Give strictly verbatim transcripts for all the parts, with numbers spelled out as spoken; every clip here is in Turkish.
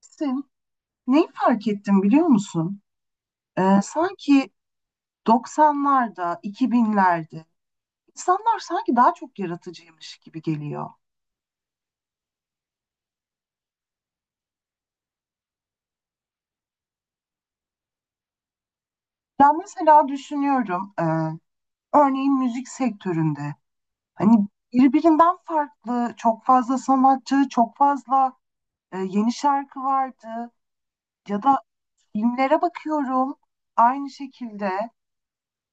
Sen neyi fark ettim biliyor musun? Ee, sanki doksanlarda, iki binlerde insanlar sanki daha çok yaratıcıymış gibi geliyor. Ya mesela düşünüyorum, e, örneğin müzik sektöründe hani birbirinden farklı çok fazla sanatçı, çok fazla e, yeni şarkı vardı. Ya da filmlere bakıyorum aynı şekilde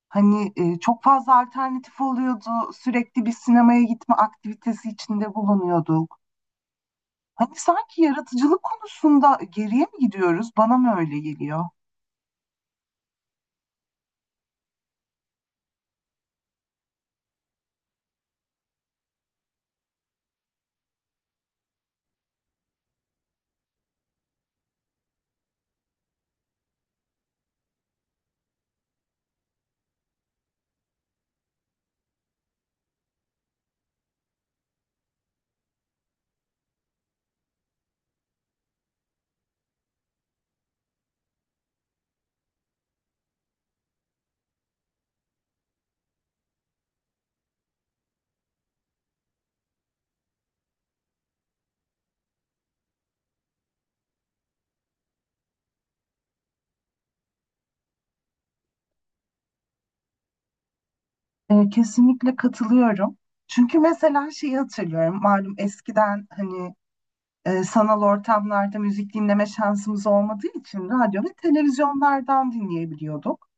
hani e, çok fazla alternatif oluyordu. Sürekli bir sinemaya gitme aktivitesi içinde bulunuyorduk. Hani sanki yaratıcılık konusunda geriye mi gidiyoruz? Bana mı öyle geliyor? Ee, kesinlikle katılıyorum. Çünkü mesela şeyi hatırlıyorum. Malum eskiden hani e, sanal ortamlarda müzik dinleme şansımız olmadığı için radyo ve televizyonlardan dinleyebiliyorduk.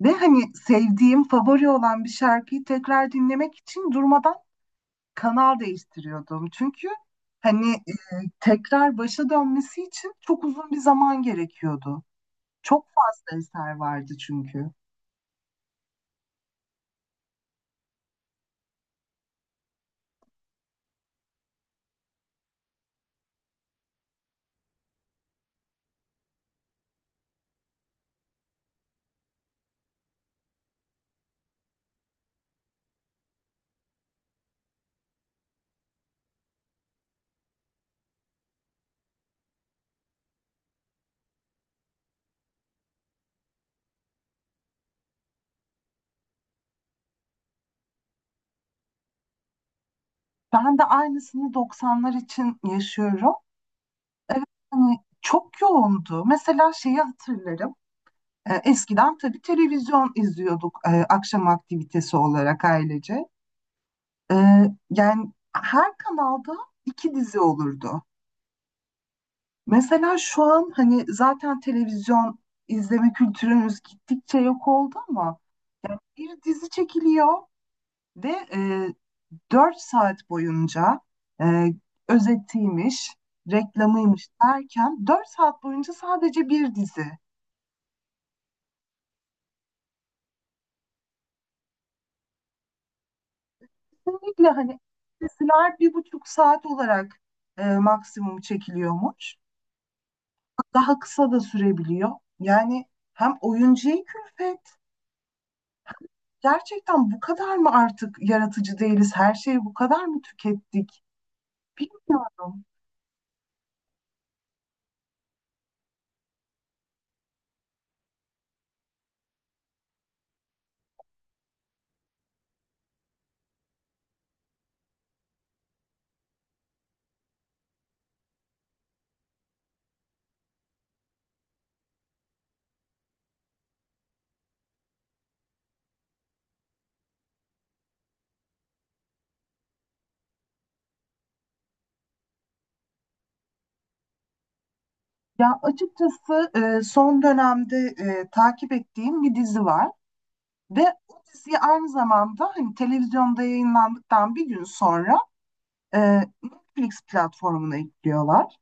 Ve hani sevdiğim, favori olan bir şarkıyı tekrar dinlemek için durmadan kanal değiştiriyordum. Çünkü hani e, tekrar başa dönmesi için çok uzun bir zaman gerekiyordu. Çok fazla eser vardı çünkü. Ben de aynısını doksanlar için yaşıyorum. Evet, hani çok yoğundu. Mesela şeyi hatırlarım. E, Eskiden tabii televizyon izliyorduk e, akşam aktivitesi olarak ailece. E, Yani her kanalda iki dizi olurdu. Mesela şu an hani zaten televizyon izleme kültürümüz gittikçe yok oldu ama bir dizi çekiliyor ve e, dört saat boyunca e, özetiymiş, reklamıymış derken dört saat boyunca sadece bir dizi. Kesinlikle hani diziler bir buçuk saat olarak e, maksimum çekiliyormuş. Daha kısa da sürebiliyor. Yani hem oyuncuya külfet. Gerçekten bu kadar mı artık yaratıcı değiliz? Her şeyi bu kadar mı tükettik? Bilmiyorum. Ya açıkçası e, son dönemde e, takip ettiğim bir dizi var ve o diziyi aynı zamanda hani televizyonda yayınlandıktan bir gün sonra e, Netflix platformuna ekliyorlar.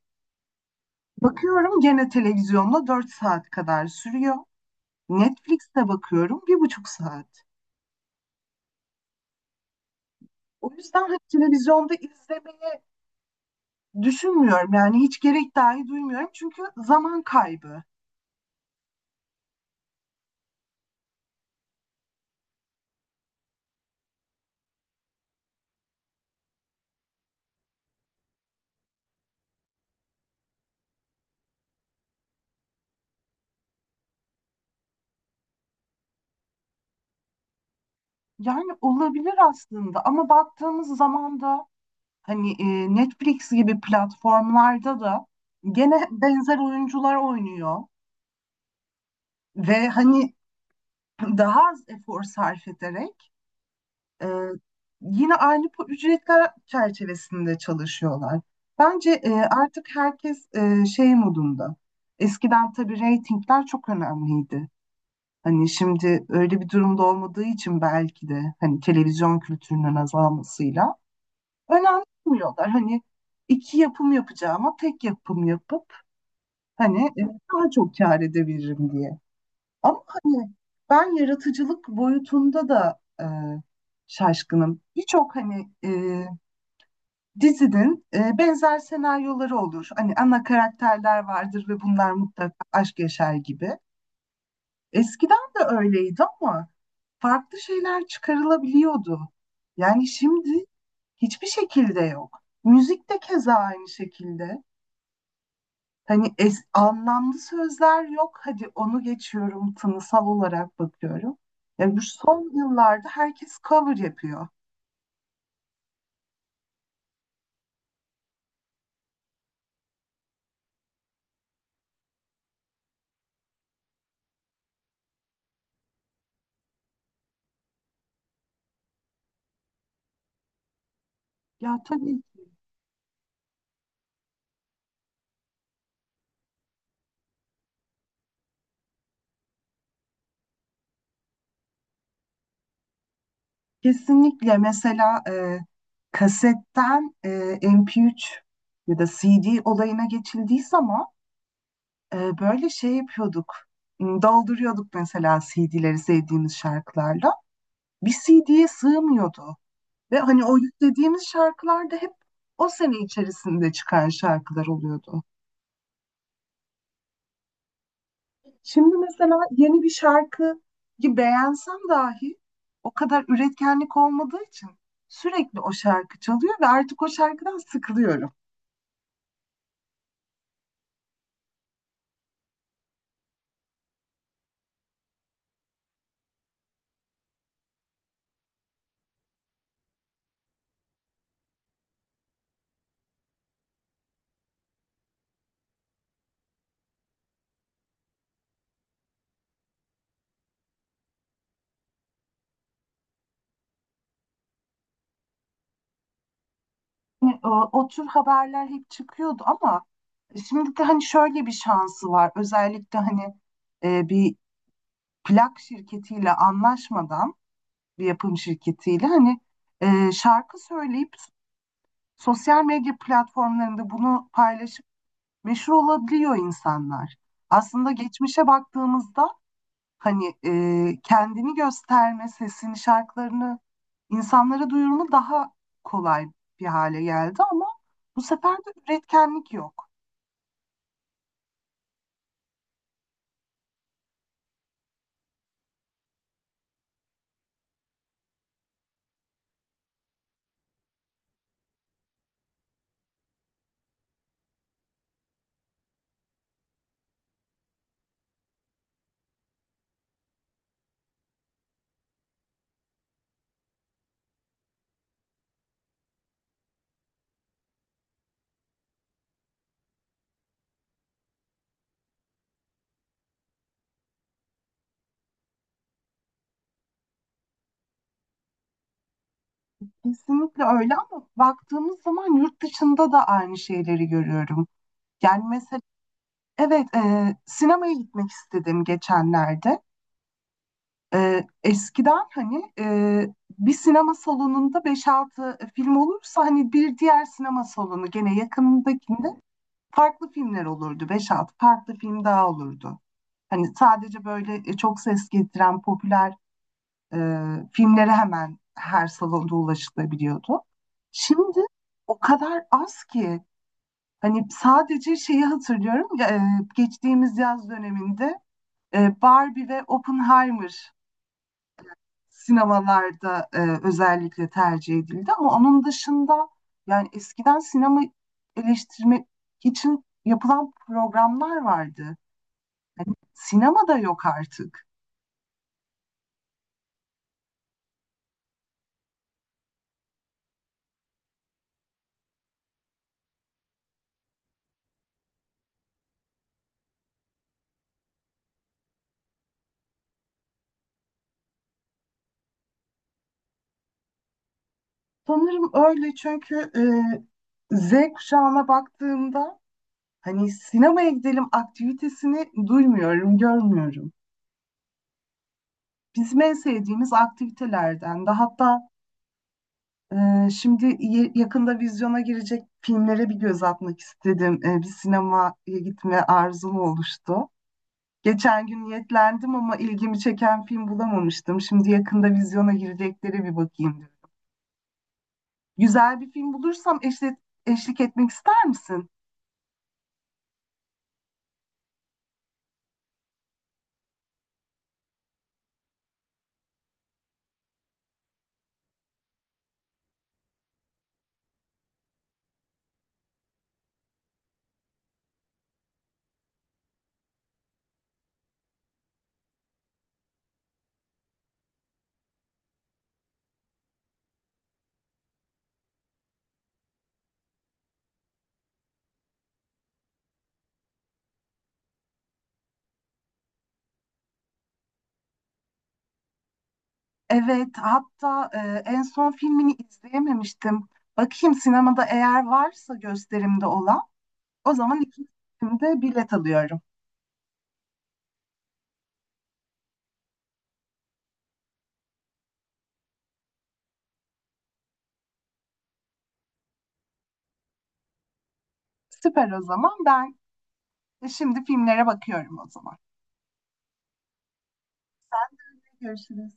Bakıyorum gene televizyonda dört saat kadar sürüyor. Netflix'te bakıyorum bir buçuk saat. O yüzden hani televizyonda izlemeye düşünmüyorum, yani hiç gerek dahi duymuyorum çünkü zaman kaybı. Yani olabilir aslında ama baktığımız zaman da hani e, Netflix gibi platformlarda da gene benzer oyuncular oynuyor ve hani daha az efor sarf ederek e, yine aynı bu ücretler çerçevesinde çalışıyorlar. Bence e, artık herkes e, şey modunda. Eskiden tabii reytingler çok önemliydi. Hani şimdi öyle bir durumda olmadığı için belki de hani televizyon kültürünün azalmasıyla önemsemiyorlar. Hani iki yapım yapacağıma tek yapım yapıp hani e, daha çok kâr edebilirim diye. Ama hani ben yaratıcılık boyutunda da e, şaşkınım. Birçok hani e, dizinin e, benzer senaryoları olur. Hani ana karakterler vardır ve bunlar mutlaka aşk yaşar gibi. Eskiden de öyleydi ama farklı şeyler çıkarılabiliyordu. Yani şimdi hiçbir şekilde yok. Müzik de keza aynı şekilde. Hani es- anlamlı sözler yok. Hadi onu geçiyorum, tınısal olarak bakıyorum. Yani bu son yıllarda herkes cover yapıyor. Ya tabii ki, kesinlikle mesela e, kasetten e, M P üç ya da C D olayına geçildiği zaman Ee, böyle şey yapıyorduk. m, Dolduruyorduk mesela C D'leri sevdiğimiz şarkılarla. Bir C D'ye sığmıyordu. Ve hani o yüklediğimiz şarkılar da hep o sene içerisinde çıkan şarkılar oluyordu. Şimdi mesela yeni bir şarkıyı beğensem dahi o kadar üretkenlik olmadığı için sürekli o şarkı çalıyor ve artık o şarkıdan sıkılıyorum. Yani o, o tür haberler hep çıkıyordu ama şimdi de hani şöyle bir şansı var. Özellikle hani e, bir plak şirketiyle anlaşmadan bir yapım şirketiyle hani e, şarkı söyleyip sosyal medya platformlarında bunu paylaşıp meşhur olabiliyor insanlar. Aslında geçmişe baktığımızda hani e, kendini gösterme, sesini, şarkılarını insanlara duyurma daha kolay bir hale geldi ama bu sefer de üretkenlik yok. Kesinlikle öyle ama baktığımız zaman yurt dışında da aynı şeyleri görüyorum. Yani mesela evet, e, sinemaya gitmek istedim geçenlerde. E, eskiden hani e, bir sinema salonunda beş altı film olursa hani bir diğer sinema salonu gene yakınındakinde farklı filmler olurdu. Beş altı farklı film daha olurdu. Hani sadece böyle e, çok ses getiren popüler e, filmlere hemen her salonda ulaşılabiliyordu. Şimdi o kadar az ki hani sadece şeyi hatırlıyorum. E, geçtiğimiz yaz döneminde E, Barbie ve Oppenheimer sinemalarda e, özellikle tercih edildi ama onun dışında yani eskiden sinema eleştirmek için yapılan programlar vardı. Sinema da yok artık. Sanırım öyle çünkü e, Z kuşağına baktığımda hani sinemaya gidelim aktivitesini duymuyorum, görmüyorum. Bizim en sevdiğimiz aktivitelerden de hatta. Ee, şimdi ye- yakında vizyona girecek filmlere bir göz atmak istedim. Ee, bir sinemaya gitme arzum oluştu. Geçen gün niyetlendim ama ilgimi çeken film bulamamıştım. Şimdi yakında vizyona girecekleri bir bakayım diyorum. Güzel bir film bulursam eşlik, eşlik etmek ister misin? Evet, hatta e, en son filmini izleyememiştim. Bakayım sinemada eğer varsa gösterimde olan, o zaman ikinci filmde bilet alıyorum. Süper, o zaman ben E, şimdi filmlere bakıyorum o zaman. Görüşürüz.